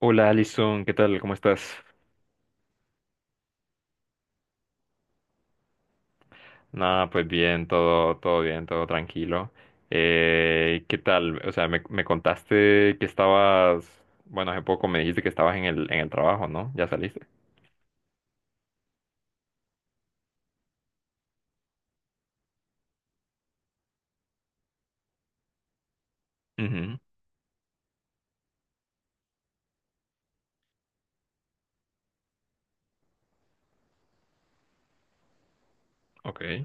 Hola Alison, ¿qué tal? ¿Cómo estás? Nada, pues bien, todo bien, todo tranquilo. ¿Qué tal? O sea, me contaste que estabas, bueno, hace poco me dijiste que estabas en el trabajo, ¿no? ¿Ya saliste? Ujú, ok.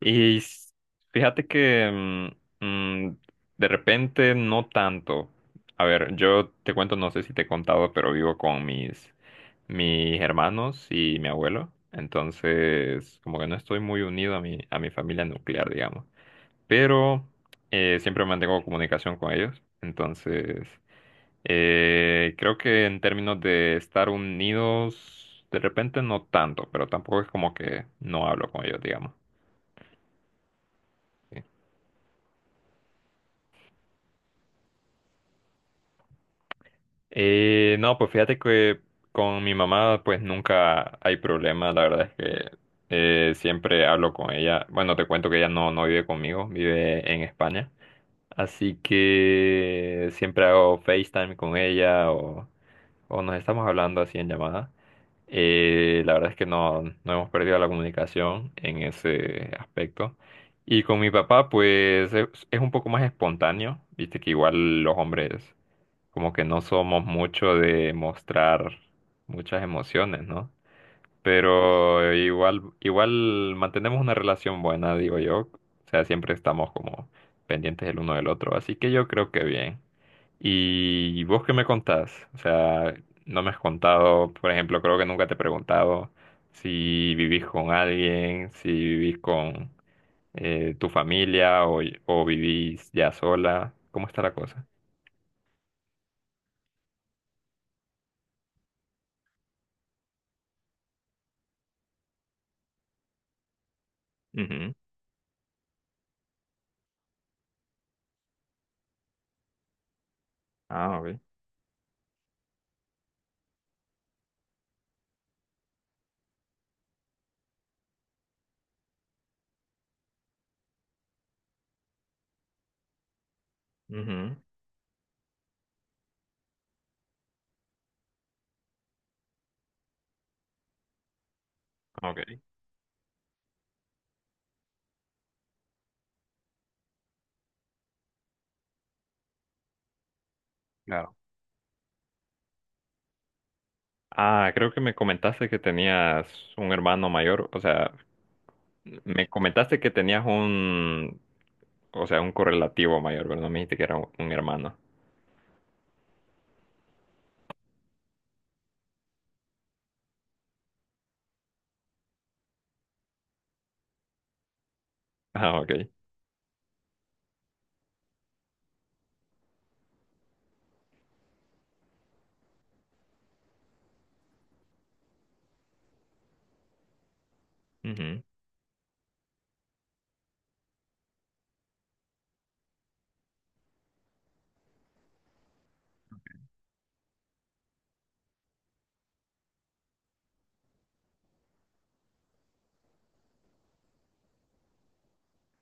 Y s- Fíjate que mm, mm, de repente no tanto. A ver, yo te cuento, no sé si te he contado, pero vivo con mis hermanos y mi abuelo. Entonces, como que no estoy muy unido a mi familia nuclear, digamos. Pero siempre mantengo comunicación con ellos. Entonces, creo que en términos de estar unidos, de repente no tanto, pero tampoco es como que no hablo con ellos, digamos. Sí. No, pues fíjate que con mi mamá pues nunca hay problema, la verdad es que siempre hablo con ella. Bueno, te cuento que ella no vive conmigo, vive en España, así que siempre hago FaceTime con ella o nos estamos hablando así en llamada. La verdad es que no hemos perdido la comunicación en ese aspecto. Y con mi papá pues es un poco más espontáneo, viste que igual los hombres como que no somos mucho de mostrar muchas emociones, ¿no? Pero igual mantenemos una relación buena, digo yo. O sea, siempre estamos como pendientes el uno del otro. Así que yo creo que bien. ¿Y vos qué me contás? O sea, no me has contado, por ejemplo, creo que nunca te he preguntado si vivís con alguien, si vivís con tu familia o vivís ya sola. ¿Cómo está la cosa? Ujú. Ah, ok. Ujú, ok, claro. Ah, creo que me comentaste que tenías un hermano mayor, o sea, me comentaste que tenías un, o sea, un correlativo mayor, pero no me dijiste que era un hermano. Ah, ok. Ujú,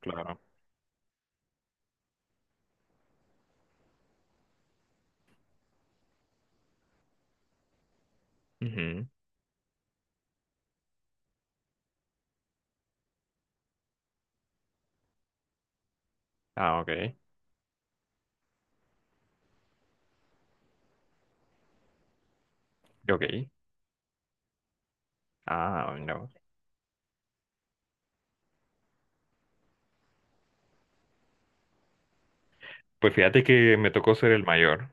claro. Ujú, ah, ok. Ok. Ah, no. Pues fíjate que me tocó ser el mayor.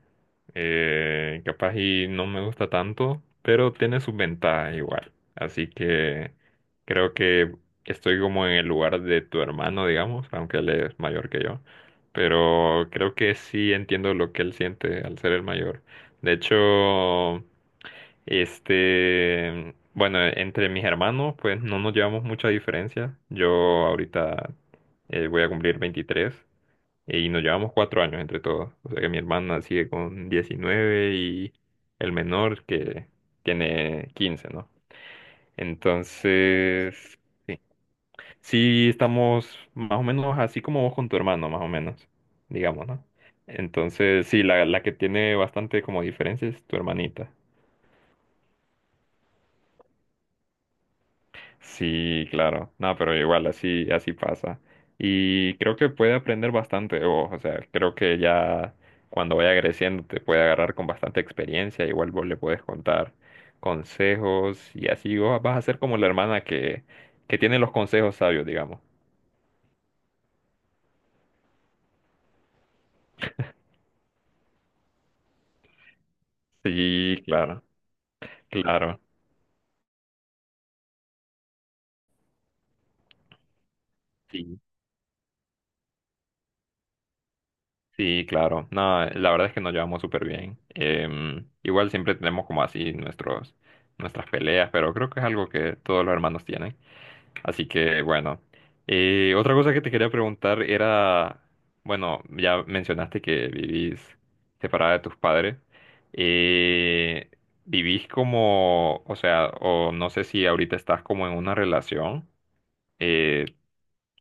Capaz y no me gusta tanto, pero tiene sus ventajas igual. Así que creo que estoy como en el lugar de tu hermano, digamos, aunque él es mayor que yo. Pero creo que sí entiendo lo que él siente al ser el mayor. De hecho, bueno, entre mis hermanos, pues no nos llevamos mucha diferencia. Yo ahorita voy a cumplir 23 y nos llevamos 4 años entre todos. O sea que mi hermana sigue con 19 y el menor que tiene 15, ¿no? Entonces, sí. Sí estamos más o menos así como vos con tu hermano, más o menos, digamos, ¿no? Entonces, sí, la que tiene bastante como diferencia es tu hermanita. Sí, claro. No, pero igual así, así pasa. Y creo que puede aprender bastante de vos. O sea, creo que ya cuando vaya creciendo te puede agarrar con bastante experiencia. Igual vos le puedes contar consejos y así vos vas a ser como la hermana que tiene los consejos sabios, digamos. Sí, claro, claro. Sí, sí, claro. No, la verdad es que nos llevamos súper bien. Igual siempre tenemos como así nuestras peleas, pero creo que es algo que todos los hermanos tienen. Así que bueno. Otra cosa que te quería preguntar era, bueno, ya mencionaste que vivís separada de tus padres. Eh, ¿Vivís como, o sea, o no sé si ahorita estás como en una relación? eh,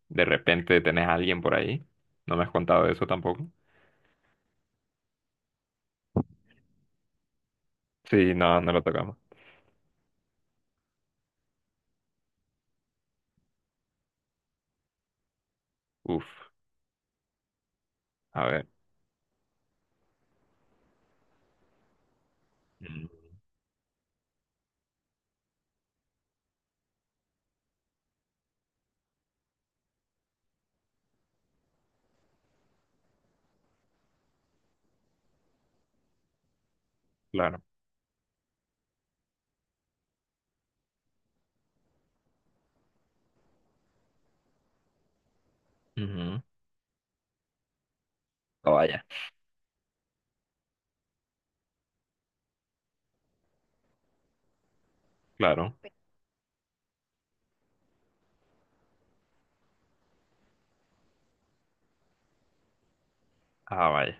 de repente tenés a alguien por ahí. No me has contado eso tampoco. Sí, no lo tocamos. Uf, a ver. Mm, claro. Ujú. Ah, vaya. Claro. Ah, vaya.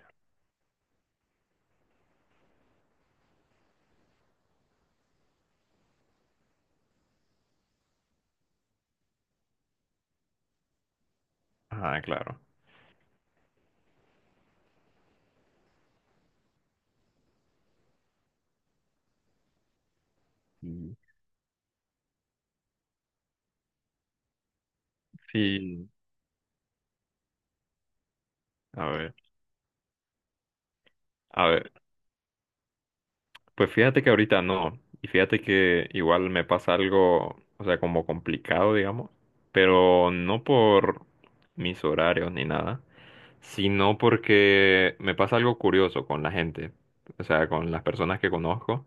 Ah, claro. Mm. Sí, a ver. A ver. Pues fíjate que ahorita no, y fíjate que igual me pasa algo, o sea, como complicado, digamos, pero no por mis horarios ni nada, sino porque me pasa algo curioso con la gente, o sea, con las personas que conozco.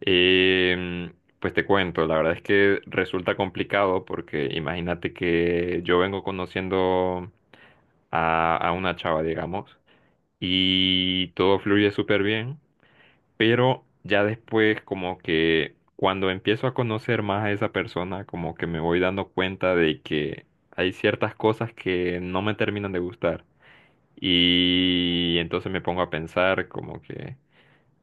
Em, pues te cuento, la verdad es que resulta complicado porque imagínate que yo vengo conociendo a una chava, digamos, y todo fluye súper bien, pero ya después como que cuando empiezo a conocer más a esa persona, como que me voy dando cuenta de que hay ciertas cosas que no me terminan de gustar. Y entonces me pongo a pensar como que,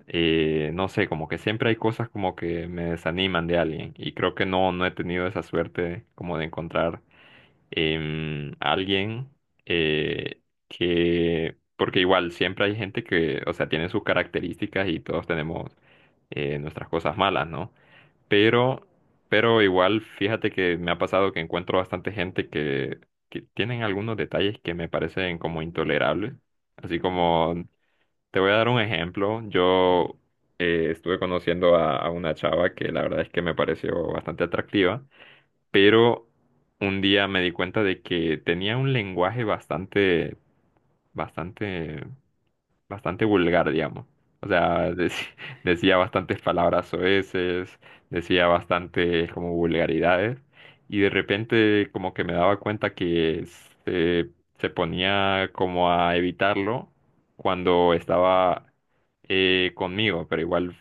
no sé, como que siempre hay cosas como que me desaniman de alguien. Y creo que no he tenido esa suerte como de encontrar alguien eh, que, porque igual siempre hay gente que, o sea, tiene sus características y todos tenemos nuestras cosas malas, ¿no? Pero, pero igual fíjate que me ha pasado que encuentro bastante gente que tienen algunos detalles que me parecen como intolerables. Así como, te voy a dar un ejemplo, yo estuve conociendo a una chava que la verdad es que me pareció bastante atractiva, pero un día me di cuenta de que tenía un lenguaje bastante bastante vulgar, digamos. O sea, decía bastantes palabras soeces, decía bastantes como vulgaridades, y de repente como que me daba cuenta que se, se ponía como a evitarlo cuando estaba conmigo, pero igual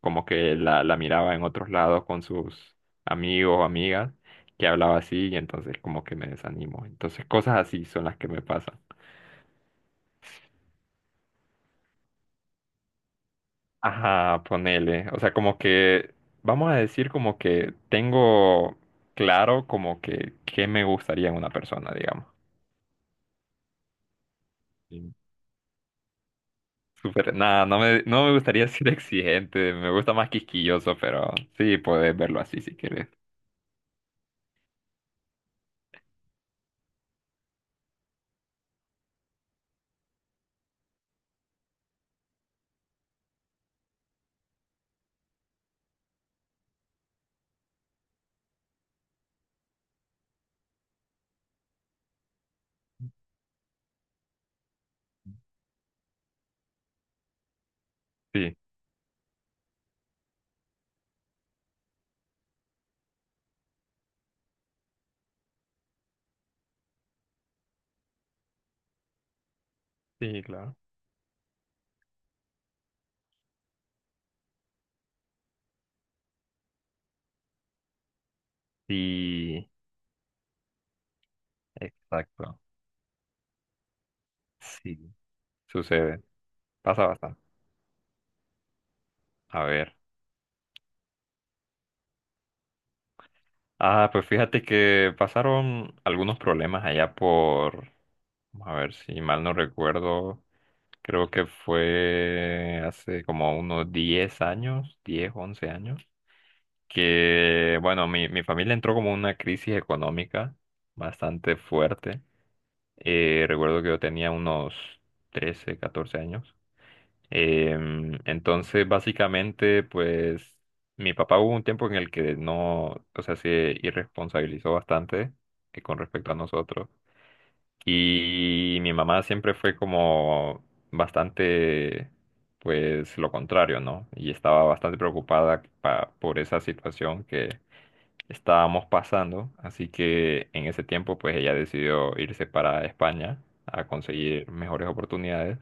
como que la miraba en otros lados con sus amigos o amigas que hablaba así, y entonces como que me desanimo. Entonces cosas así son las que me pasan. Ajá, ponele. O sea, como que, vamos a decir como que tengo claro como que qué me gustaría en una persona, digamos. Sí. Súper, nada, no me gustaría ser exigente, me gusta más quisquilloso, pero sí, puedes verlo así si quieres. Sí, sí, claro. Sí, exacto. Sí, sucede, pasa bastante. A ver. Ah, pues fíjate que pasaron algunos problemas allá por, vamos a ver si mal no recuerdo, creo que fue hace como unos 10 años, 10, 11 años, que bueno, mi familia entró como en una crisis económica bastante fuerte. Recuerdo que yo tenía unos 13, 14 años. Entonces, básicamente, pues mi papá hubo un tiempo en el que no, o sea, se irresponsabilizó bastante con respecto a nosotros. Y mi mamá siempre fue como bastante, pues lo contrario, ¿no? Y estaba bastante preocupada por esa situación que estábamos pasando. Así que en ese tiempo, pues ella decidió irse para España a conseguir mejores oportunidades.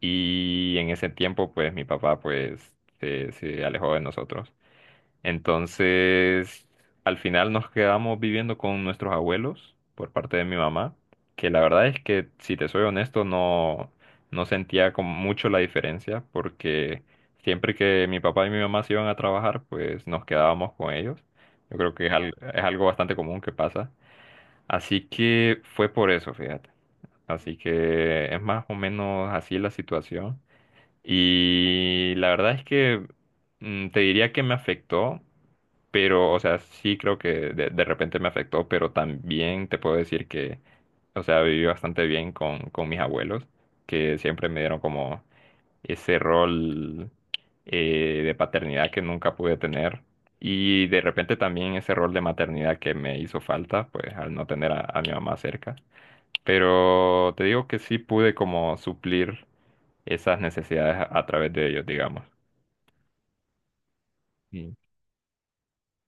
Y en ese tiempo, pues mi papá pues se alejó de nosotros. Entonces, al final nos quedamos viviendo con nuestros abuelos por parte de mi mamá, que la verdad es que, si te soy honesto, no, no sentía como mucho la diferencia, porque siempre que mi papá y mi mamá se iban a trabajar, pues nos quedábamos con ellos. Yo creo que es, al- es algo bastante común que pasa. Así que fue por eso, fíjate. Así que es más o menos así la situación. Y la verdad es que mm, te diría que me afectó, pero, o sea, sí creo que de repente me afectó, pero también te puedo decir que, o sea, viví bastante bien con mis abuelos, que siempre me dieron como ese rol de paternidad que nunca pude tener. Y de repente también ese rol de maternidad que me hizo falta, pues al no tener a mi mamá cerca. Pero te digo que sí pude como suplir esas necesidades a través de ellos, digamos. Y,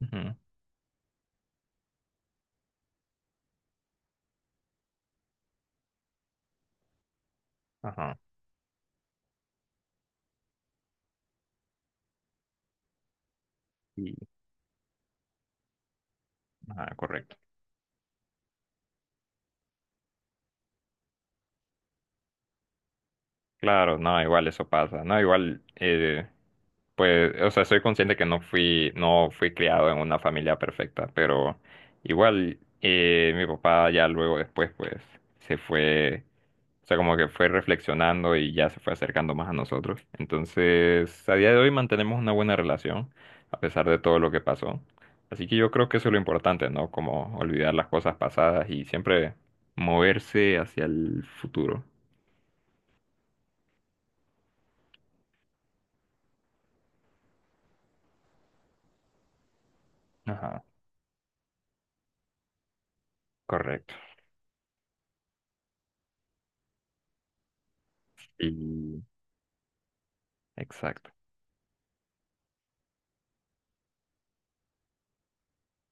ujú, ajá, y, ajá, correcto. Claro, no, igual eso pasa, no, igual, pues, o sea, soy consciente que no fui, no fui criado en una familia perfecta, pero igual mi papá ya luego después, pues, se fue, o sea, como que fue reflexionando y ya se fue acercando más a nosotros. Entonces, a día de hoy mantenemos una buena relación, a pesar de todo lo que pasó. Así que yo creo que eso es lo importante, ¿no? Como olvidar las cosas pasadas y siempre moverse hacia el futuro. Ajá, correcto. Y- Exacto,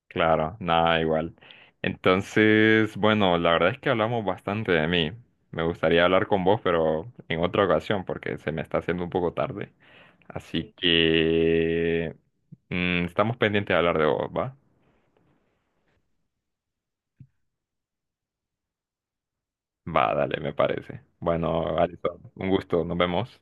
claro, nada igual. Entonces, bueno, la verdad es que hablamos bastante de mí. Me gustaría hablar con vos, pero en otra ocasión, porque se me está haciendo un poco tarde. Así, sí, que estamos pendientes de hablar de vos, ¿va? Va, dale, me parece. Bueno, Alison, un gusto, nos vemos.